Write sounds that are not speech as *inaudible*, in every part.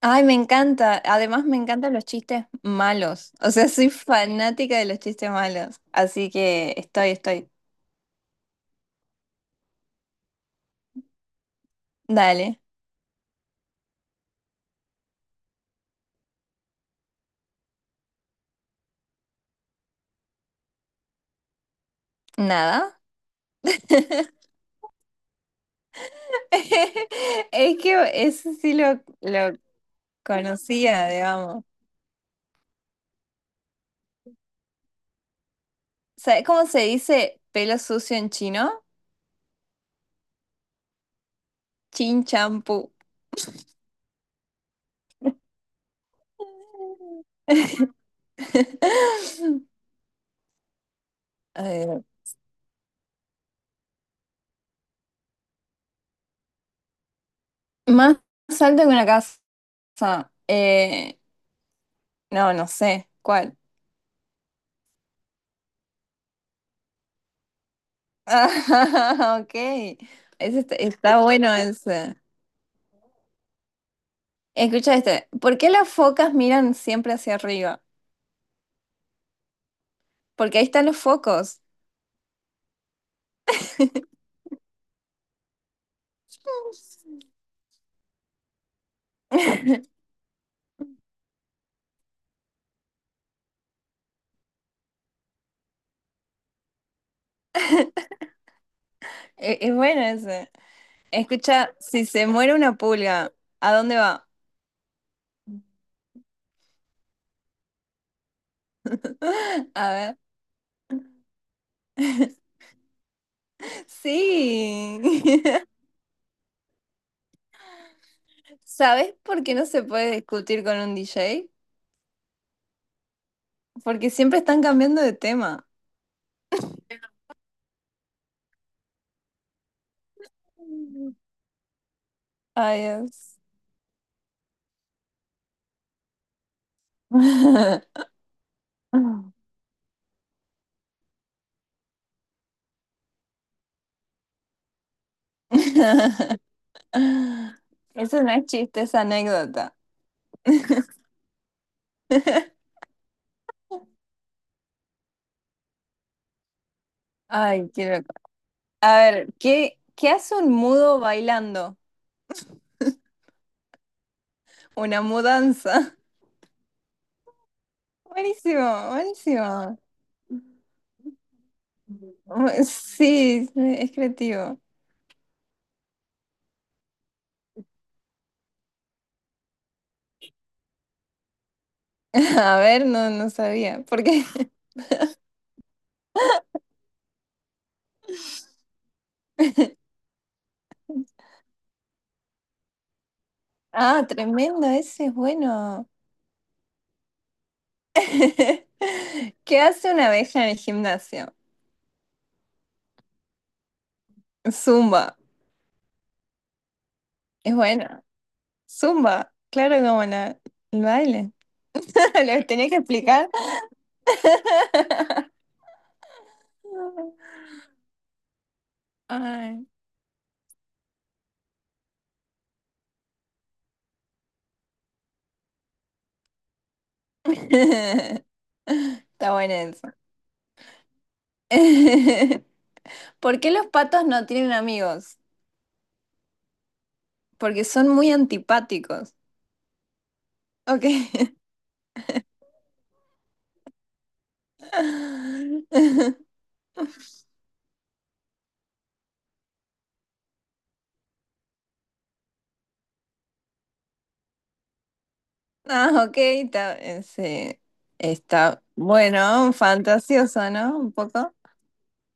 Ay, me encanta. Además, me encantan los chistes malos. O sea, soy fanática de los chistes malos. Así que estoy. Dale. Nada. *laughs* Es que eso sí lo conocía, digamos. ¿Sabes cómo se dice pelo sucio en chino? Chin champú. *laughs* A. Más alto que una casa. Eh, no sé. ¿Cuál? Ah, *laughs* ok. Ese está bueno ese. Escucha este. ¿Por qué las focas miran siempre hacia arriba? Porque ahí están los focos. *laughs* Es bueno ese. Escucha, si se muere una pulga, ¿a dónde va? *laughs* A ver. *laughs* Sí. *laughs* ¿Sabes por qué no se puede discutir con un DJ? Porque siempre están cambiando de tema. Ay, Dios. *laughs* *gasps* Eso no es chiste, es anécdota. Ay, quiero. A ver, ¿qué hace un mudo bailando? Una mudanza. *laughs* Buenísimo, buenísimo. Bu- Sí, es creativo. *laughs* A ver, no sabía. Porque. *laughs* Ah, tremendo, ese es bueno. *laughs* ¿Qué hace una abeja en el gimnasio? Zumba. Es bueno. Zumba. Claro, como el baile. *laughs* Lo tenía que explicar. *laughs* Ay. *laughs* Está bueno eso. *laughs* ¿Por qué los patos no tienen amigos? Porque son muy antipáticos. Ok. *laughs* Ah, ok, está, sí. Está bueno, fantasioso, ¿no? Un poco.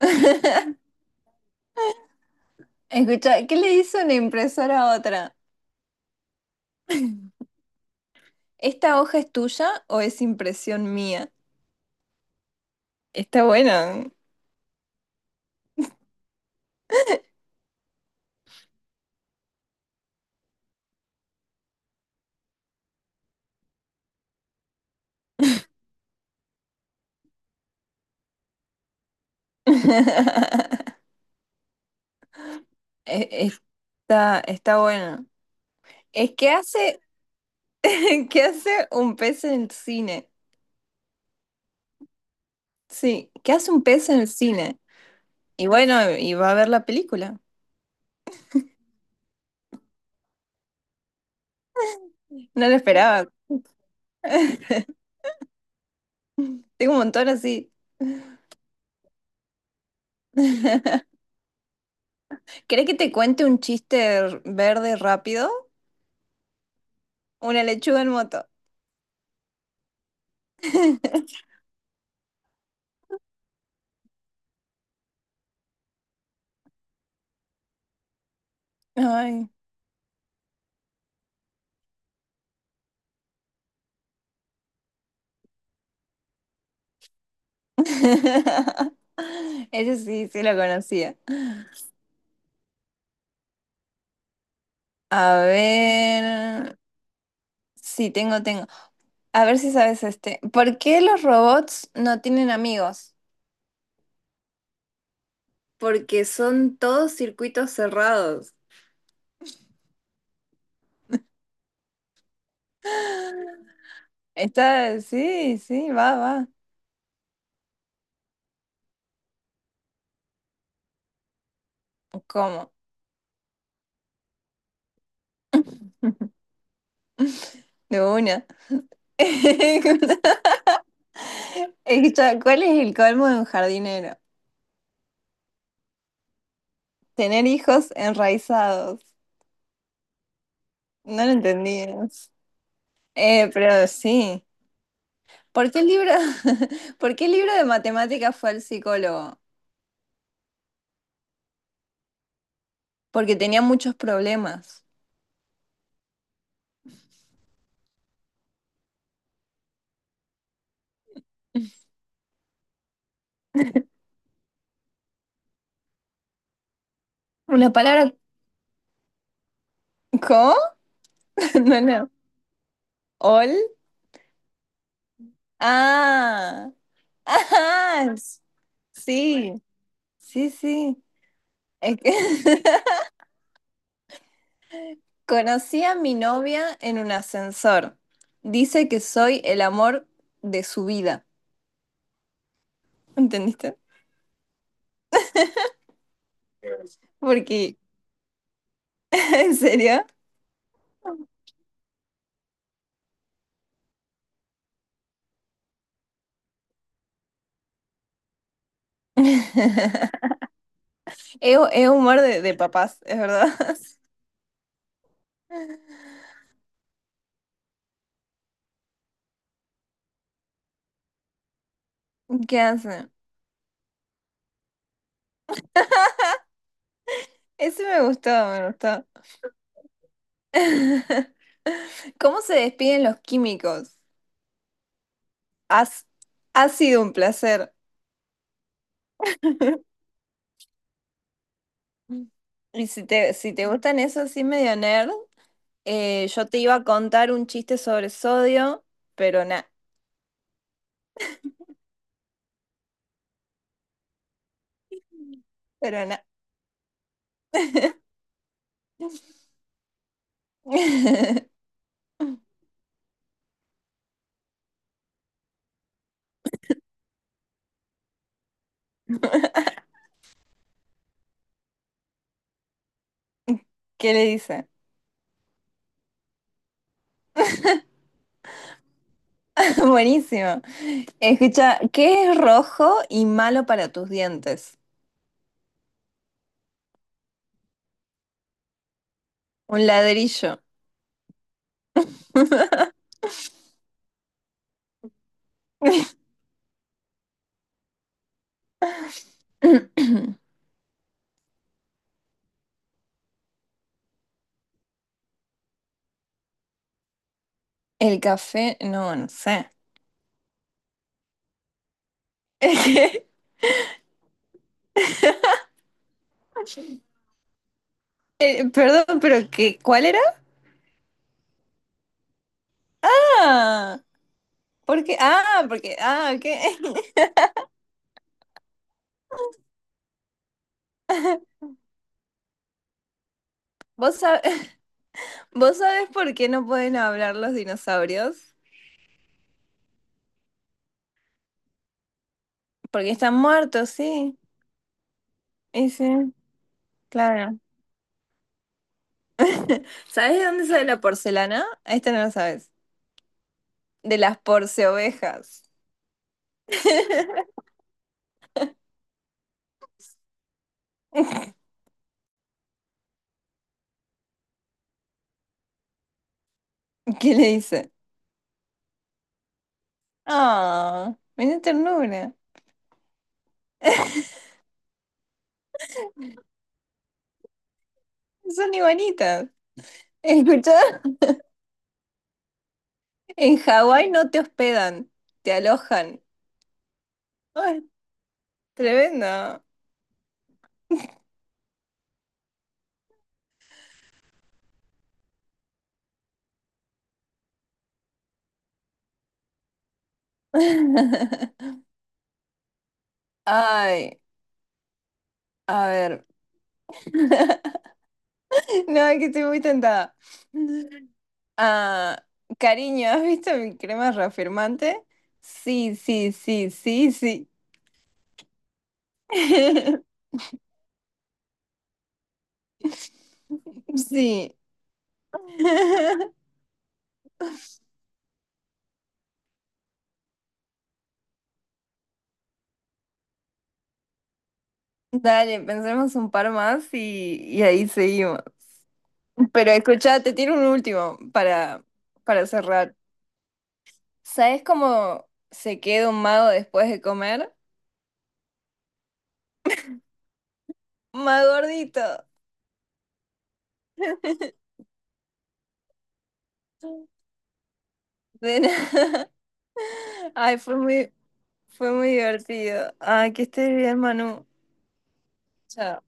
*laughs* Escucha, ¿qué le hizo una impresora a otra? ¿Esta hoja es tuya o es impresión mía? Está bueno. *laughs* E- Está bueno. Es que hace, *laughs* ¿qué hace un pez en el cine? Sí, ¿qué hace un pez en el cine? Y bueno, y va a ver la película. No lo esperaba. Tengo un montón así. *laughs* ¿Querés que te cuente un chiste r- verde rápido? Una lechuga en moto. *laughs* Ay. *laughs* Ese sí, sí lo conocía. A ver. Sí, tengo. A ver si sabes este. ¿Por qué los robots no tienen amigos? Porque son todos circuitos cerrados. Está, sí, sí, va, va. ¿Cómo? De una. *laughs* Escucha, ¿cuál es el colmo de un jardinero? Tener hijos enraizados. No lo entendí eso. Pero sí. ¿Por qué el libro, *laughs* ¿por qué el libro de matemáticas fue al psicólogo? Porque tenía muchos problemas. ¿Una palabra co? *laughs* No, no. ¿Ol? Ah. *laughs* Ah, sí. Sí, sí. Es que *laughs* conocí a mi novia en un ascensor. Dice que soy el amor de su vida. ¿Entendiste? Porque, *laughs* ¿en serio? *laughs* Es humor de papás, es verdad. *laughs* ¿Qué hace? Ese me gustó, me gustó. *laughs* ¿Cómo se despiden los químicos? Has- ha sido un placer. *laughs* Y si si te gustan esos así medio nerd. Yo te iba a contar un chiste sobre sodio, pero nada, pero nada. *laughs* ¿Qué le dice? *laughs* Buenísimo. Escucha, ¿qué es rojo y malo para tus dientes? Un ladrillo. *laughs* El café, no, no sé. *laughs* Perdón, pero qué, ¿cuál era? Ah, ¿por qué? Ah, porque, ah, ¿qué? *laughs* ¿Vos sab- *laughs* vos sabés por qué no pueden hablar los dinosaurios? Porque están muertos, sí. Ese, claro. *laughs* ¿Sabes de dónde sale la porcelana? Esta no lo sabes. De las porceovejas. *laughs* ¿Qué le dice? Ah, menuda ternura. Son iguanitas. ¿Escuchá? *laughs* En Hawái no te hospedan, te alojan. Ay, tremendo. *laughs* Ay, a ver. *laughs* No, es que estoy muy tentada. Ah, cariño, ¿has visto mi crema reafirmante? Sí, sí, sí, sí, sí. *laughs* Sí. *laughs* Dale, pensemos un par más y ahí seguimos. Pero escucha, te tiro un último para cerrar. ¿Sabes cómo se queda un mago después de comer? Más gordito. *laughs* De nada. Ay, fue muy divertido. Ay, que estés bien, Manu. Chao.